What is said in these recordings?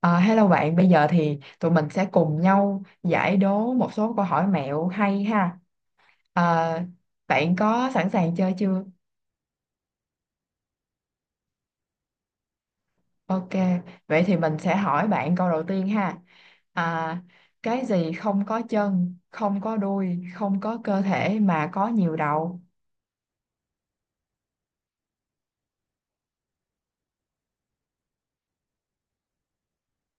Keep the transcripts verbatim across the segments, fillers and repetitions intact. À, hello bạn, bây giờ thì tụi mình sẽ cùng nhau giải đố một số câu hỏi mẹo hay ha. À, bạn có sẵn sàng chơi chưa? Ok, vậy thì mình sẽ hỏi bạn câu đầu tiên ha. À, cái gì không có chân, không có đuôi, không có cơ thể mà có nhiều đầu?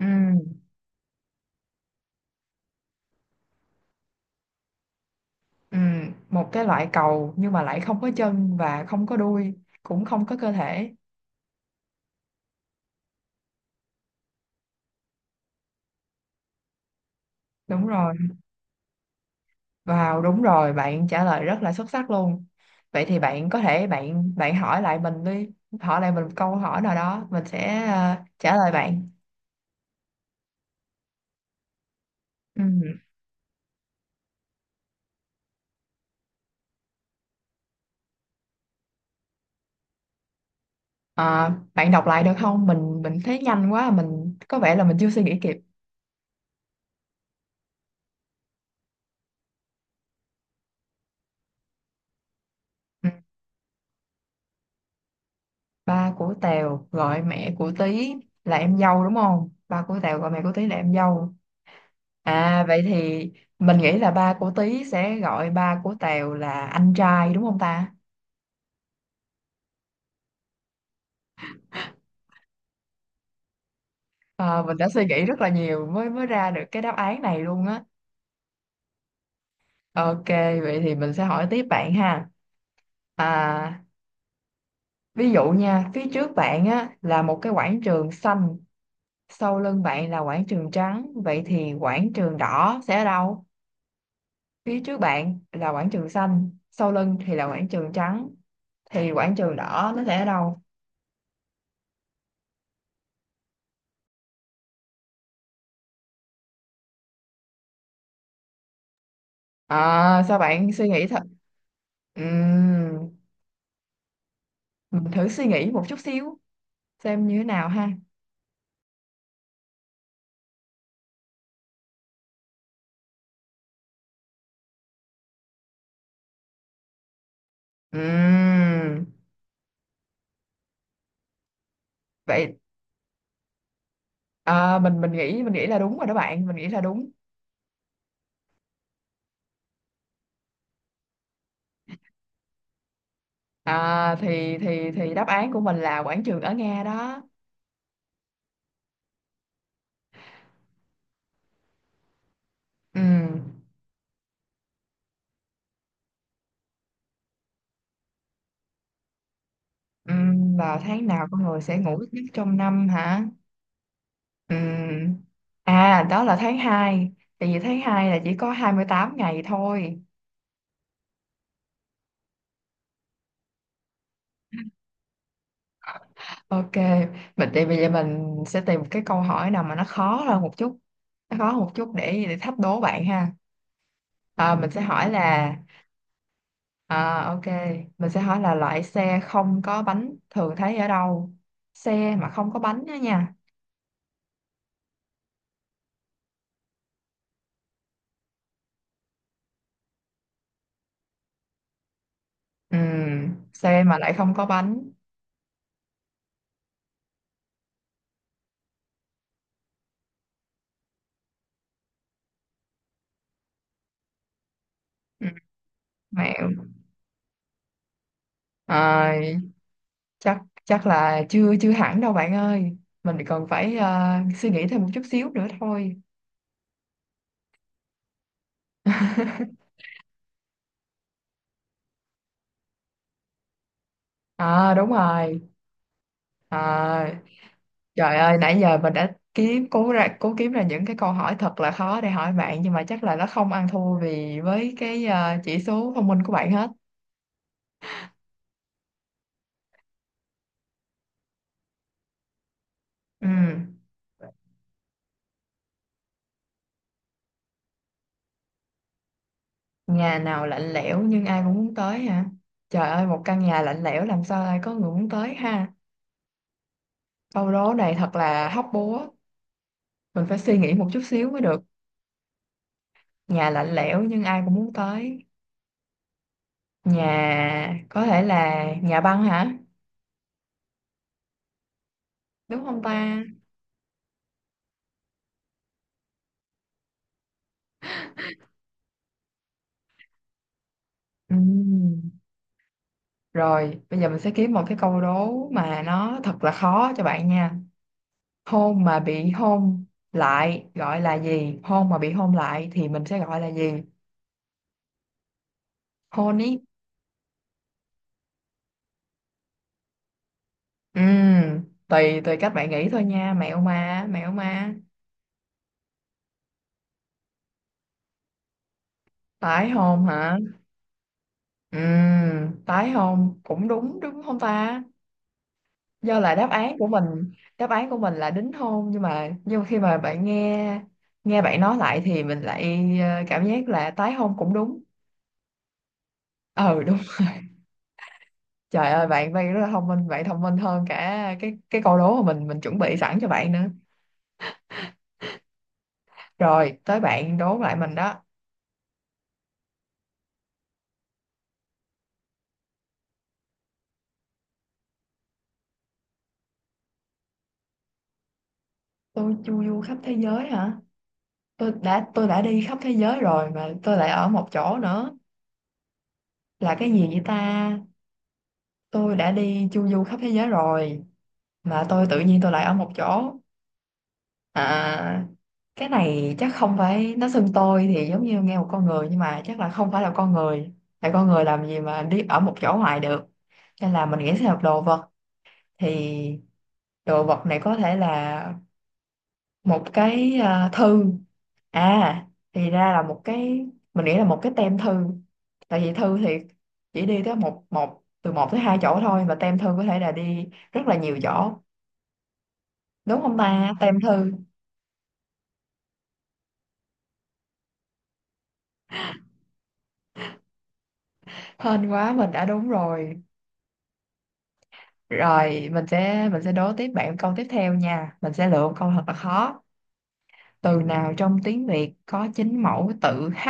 Ừm, ừm, một cái loại cầu nhưng mà lại không có chân và không có đuôi, cũng không có cơ thể. Đúng rồi. Wow, đúng rồi, bạn trả lời rất là xuất sắc luôn. Vậy thì bạn có thể bạn bạn hỏi lại mình đi, hỏi lại mình một câu hỏi nào đó, mình sẽ ờ, trả lời bạn. Ừ. Ờ, Bạn đọc lại được không? Mình mình thấy nhanh quá, mình có vẻ là mình chưa suy nghĩ kịp. Ừ. Ba của Tèo gọi mẹ của Tí là em dâu đúng không? Ba của Tèo gọi mẹ của Tí là em dâu. À vậy thì mình nghĩ là ba của Tí sẽ gọi ba của Tèo là anh trai đúng không ta? Ờ, mình đã suy nghĩ rất là nhiều mới mới ra được cái đáp án này luôn á. Ok, vậy thì mình sẽ hỏi tiếp bạn ha. À, ví dụ nha, phía trước bạn á là một cái quảng trường xanh, sau lưng bạn là quảng trường trắng, vậy thì quảng trường đỏ sẽ ở đâu? Phía trước bạn là quảng trường xanh, sau lưng thì là quảng trường trắng, thì quảng trường đỏ nó sẽ ở đâu? À, sao bạn suy nghĩ thật? Ừm, mình thử suy nghĩ một chút xíu xem như thế nào ha. Ừm. Vậy. À, mình mình nghĩ mình nghĩ là đúng rồi đó bạn, mình nghĩ là đúng. à, thì thì thì đáp án của mình là quảng trường ở Nga đó. Ừm, ừm, Vào tháng nào con người sẽ ngủ ít nhất trong năm hả? Ừm, à Đó là tháng hai, tại vì tháng hai là chỉ có hai mươi tám ngày thôi. Ok, mình thì bây giờ mình sẽ tìm một cái câu hỏi nào mà nó khó hơn một chút, nó khó hơn một chút để để thách đố bạn ha. À, mình sẽ hỏi là À ok, mình sẽ hỏi là loại xe không có bánh thường thấy ở đâu? Xe mà không có bánh đó nha. Ừ, xe mà lại không có bánh. Ừ, mẹo. À, chắc chắc là chưa chưa hẳn đâu bạn ơi. Mình còn phải ờ, suy nghĩ thêm một chút xíu nữa thôi. À đúng rồi. À, trời ơi nãy giờ mình đã kiếm cố ra cố kiếm ra những cái câu hỏi thật là khó để hỏi bạn, nhưng mà chắc là nó không ăn thua vì với cái ờ, chỉ số thông minh của bạn hết. Ừ, nhà nào lạnh lẽo nhưng ai cũng muốn tới hả? Trời ơi, một căn nhà lạnh lẽo làm sao ai có người muốn tới ha? Câu đố này thật là hóc búa, mình phải suy nghĩ một chút xíu mới được. Nhà lạnh lẽo nhưng ai cũng muốn tới. Nhà có thể là nhà băng hả? Đúng không ta? Ừ. Rồi, bây giờ mình sẽ kiếm một cái câu đố mà nó thật là khó cho bạn nha. Hôn mà bị hôn lại gọi là gì? Hôn mà bị hôn lại thì mình sẽ gọi là gì? Hôn ý. Ừ, tùy tùy các bạn nghĩ thôi nha, mẹo mà, mẹo mà. Tái hôn hả? Ừ, tái hôn cũng đúng đúng không ta? Do là đáp án của mình, đáp án của mình là đính hôn, nhưng mà nhưng mà khi mà bạn nghe nghe bạn nói lại thì mình lại ờ, cảm giác là tái hôn cũng đúng. Ừ đúng. Trời ơi, bạn bạn rất là thông minh, bạn thông minh hơn cả cái cái câu đố mà mình mình chuẩn bị sẵn cho bạn nữa. Rồi, tới bạn đố lại mình đó. Tôi chu du khắp thế giới hả? tôi đã tôi đã đi khắp thế giới rồi mà tôi lại ở một chỗ nữa, là cái gì vậy ta? Tôi đã đi chu du khắp thế giới rồi mà tôi tự nhiên tôi lại ở một chỗ. À, cái này chắc không phải, nó xưng tôi thì giống như nghe một con người, nhưng mà chắc là không phải là con người, tại con người làm gì mà đi ở một chỗ hoài được, nên là mình nghĩ sẽ là đồ vật. Thì đồ vật này có thể là một cái ờ, thư. À, thì ra là một cái, mình nghĩ là một cái tem thư, tại vì thư thì chỉ đi tới một một từ một tới hai chỗ thôi, và tem thư có thể là đi rất là nhiều chỗ, đúng không ta, tem thư? Hên quá mình đã đúng rồi. Rồi mình sẽ mình sẽ đố tiếp bạn câu tiếp theo nha, mình sẽ lựa một câu thật là khó. Từ nào trong tiếng Việt có chín mẫu tự h?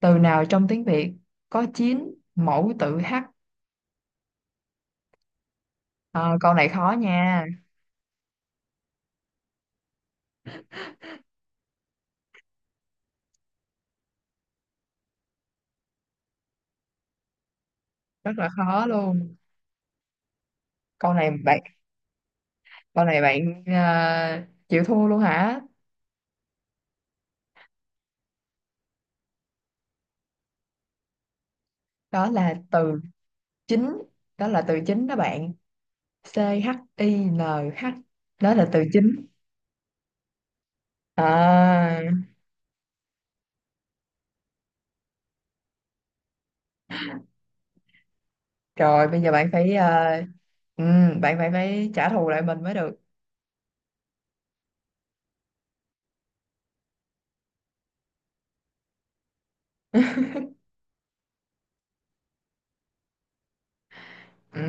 Từ nào trong tiếng Việt có chín mẫu tự h? Ờ, Câu này khó nha, rất là khó luôn. câu này bạn Câu này bạn à, chịu thua luôn hả? Đó là từ chính, đó là từ chính đó bạn. xê hát i en hát, đó là từ chính. à, Rồi bây giờ bạn phải, à, ừ, bạn phải phải trả thù lại mình mới được. ừ,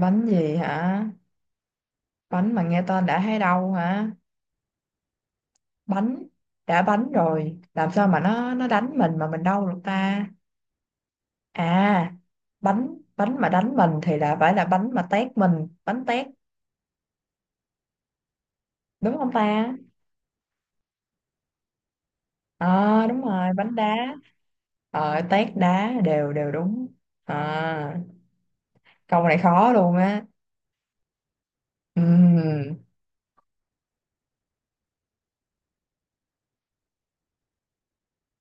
Bánh gì hả? Bánh mà nghe tên đã thấy đau hả? Bánh, đã bánh rồi làm sao mà nó nó đánh mình mà mình đau được ta? à bánh bánh mà đánh mình thì là phải là bánh mà tét mình, bánh tét đúng không ta? ờ Đúng rồi, bánh đá. Ờ tét đá đều đều đúng. à, Câu này khó luôn á. Ừm.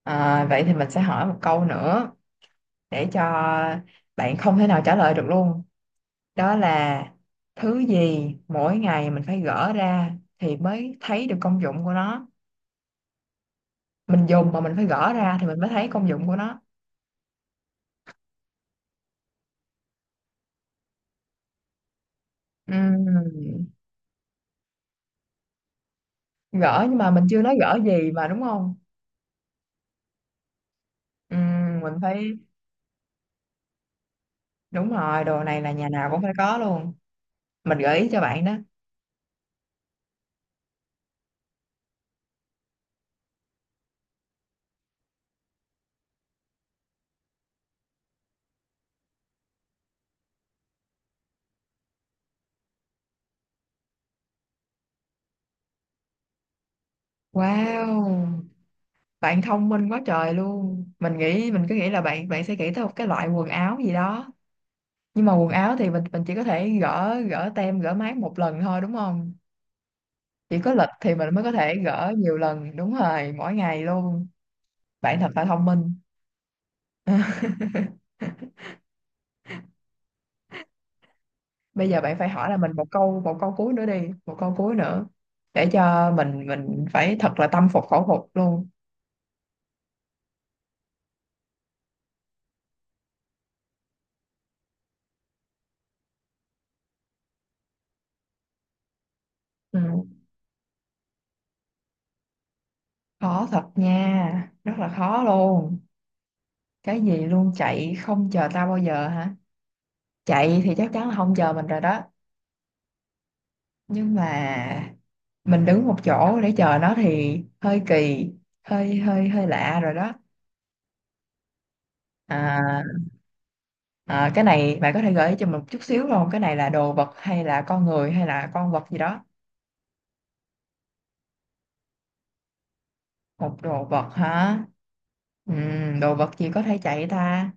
à, Vậy thì mình sẽ hỏi một câu nữa để cho bạn không thể nào trả lời được luôn. Đó là thứ gì mỗi ngày mình phải gỡ ra thì mới thấy được công dụng của nó, mình dùng mà mình phải gỡ ra thì mình mới thấy công dụng của nó. Ừm. Gỡ nhưng mà mình chưa nói gỡ gì mà đúng không? Ừm, mình phải. Đúng rồi, đồ này là nhà nào cũng phải có luôn. Mình gợi ý cho bạn đó. Wow, bạn thông minh quá trời luôn. Mình nghĩ, mình cứ nghĩ là bạn bạn sẽ nghĩ tới một cái loại quần áo gì đó. Nhưng mà quần áo thì mình mình chỉ có thể gỡ gỡ tem, gỡ mác một lần thôi đúng không? Chỉ có lịch thì mình mới có thể gỡ nhiều lần, đúng rồi, mỗi ngày luôn. Bạn thật là thông minh. Bây giờ bạn phải hỏi là mình một câu, một câu cuối nữa đi, một câu cuối nữa để cho mình mình phải thật là tâm phục khẩu phục luôn. Ừ. Khó thật nha, rất là khó luôn. Cái gì luôn chạy không chờ tao bao giờ hả? Chạy thì chắc chắn là không chờ mình rồi đó, nhưng mà mình đứng một chỗ để chờ nó thì hơi kỳ, hơi hơi hơi lạ rồi đó. à, à, cái này bạn có thể gợi ý cho mình một chút xíu không, cái này là đồ vật hay là con người hay là con vật gì đó? Một đồ vật hả? Ừm, đồ vật gì có thể chạy ta?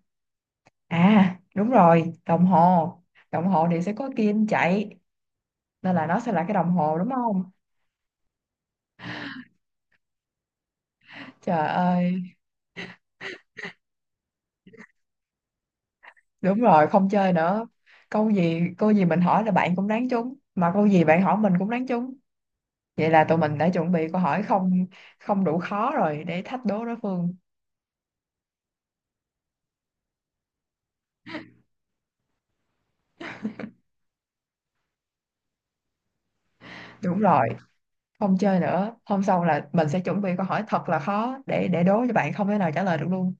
À đúng rồi, đồng hồ, đồng hồ thì sẽ có kim chạy, nên là nó sẽ là cái đồng hồ đúng không? Trời ơi, đúng rồi, không chơi nữa. Câu gì, câu gì mình hỏi là bạn cũng đoán trúng, mà câu gì bạn hỏi mình cũng đoán trúng. Vậy là tụi mình đã chuẩn bị câu hỏi không, không đủ khó rồi để thách đố đối phương. Đúng rồi, không chơi nữa, hôm sau là mình sẽ chuẩn bị câu hỏi thật là khó để để đố cho bạn không thể nào trả lời được luôn.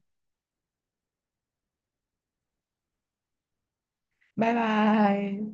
Bye bye.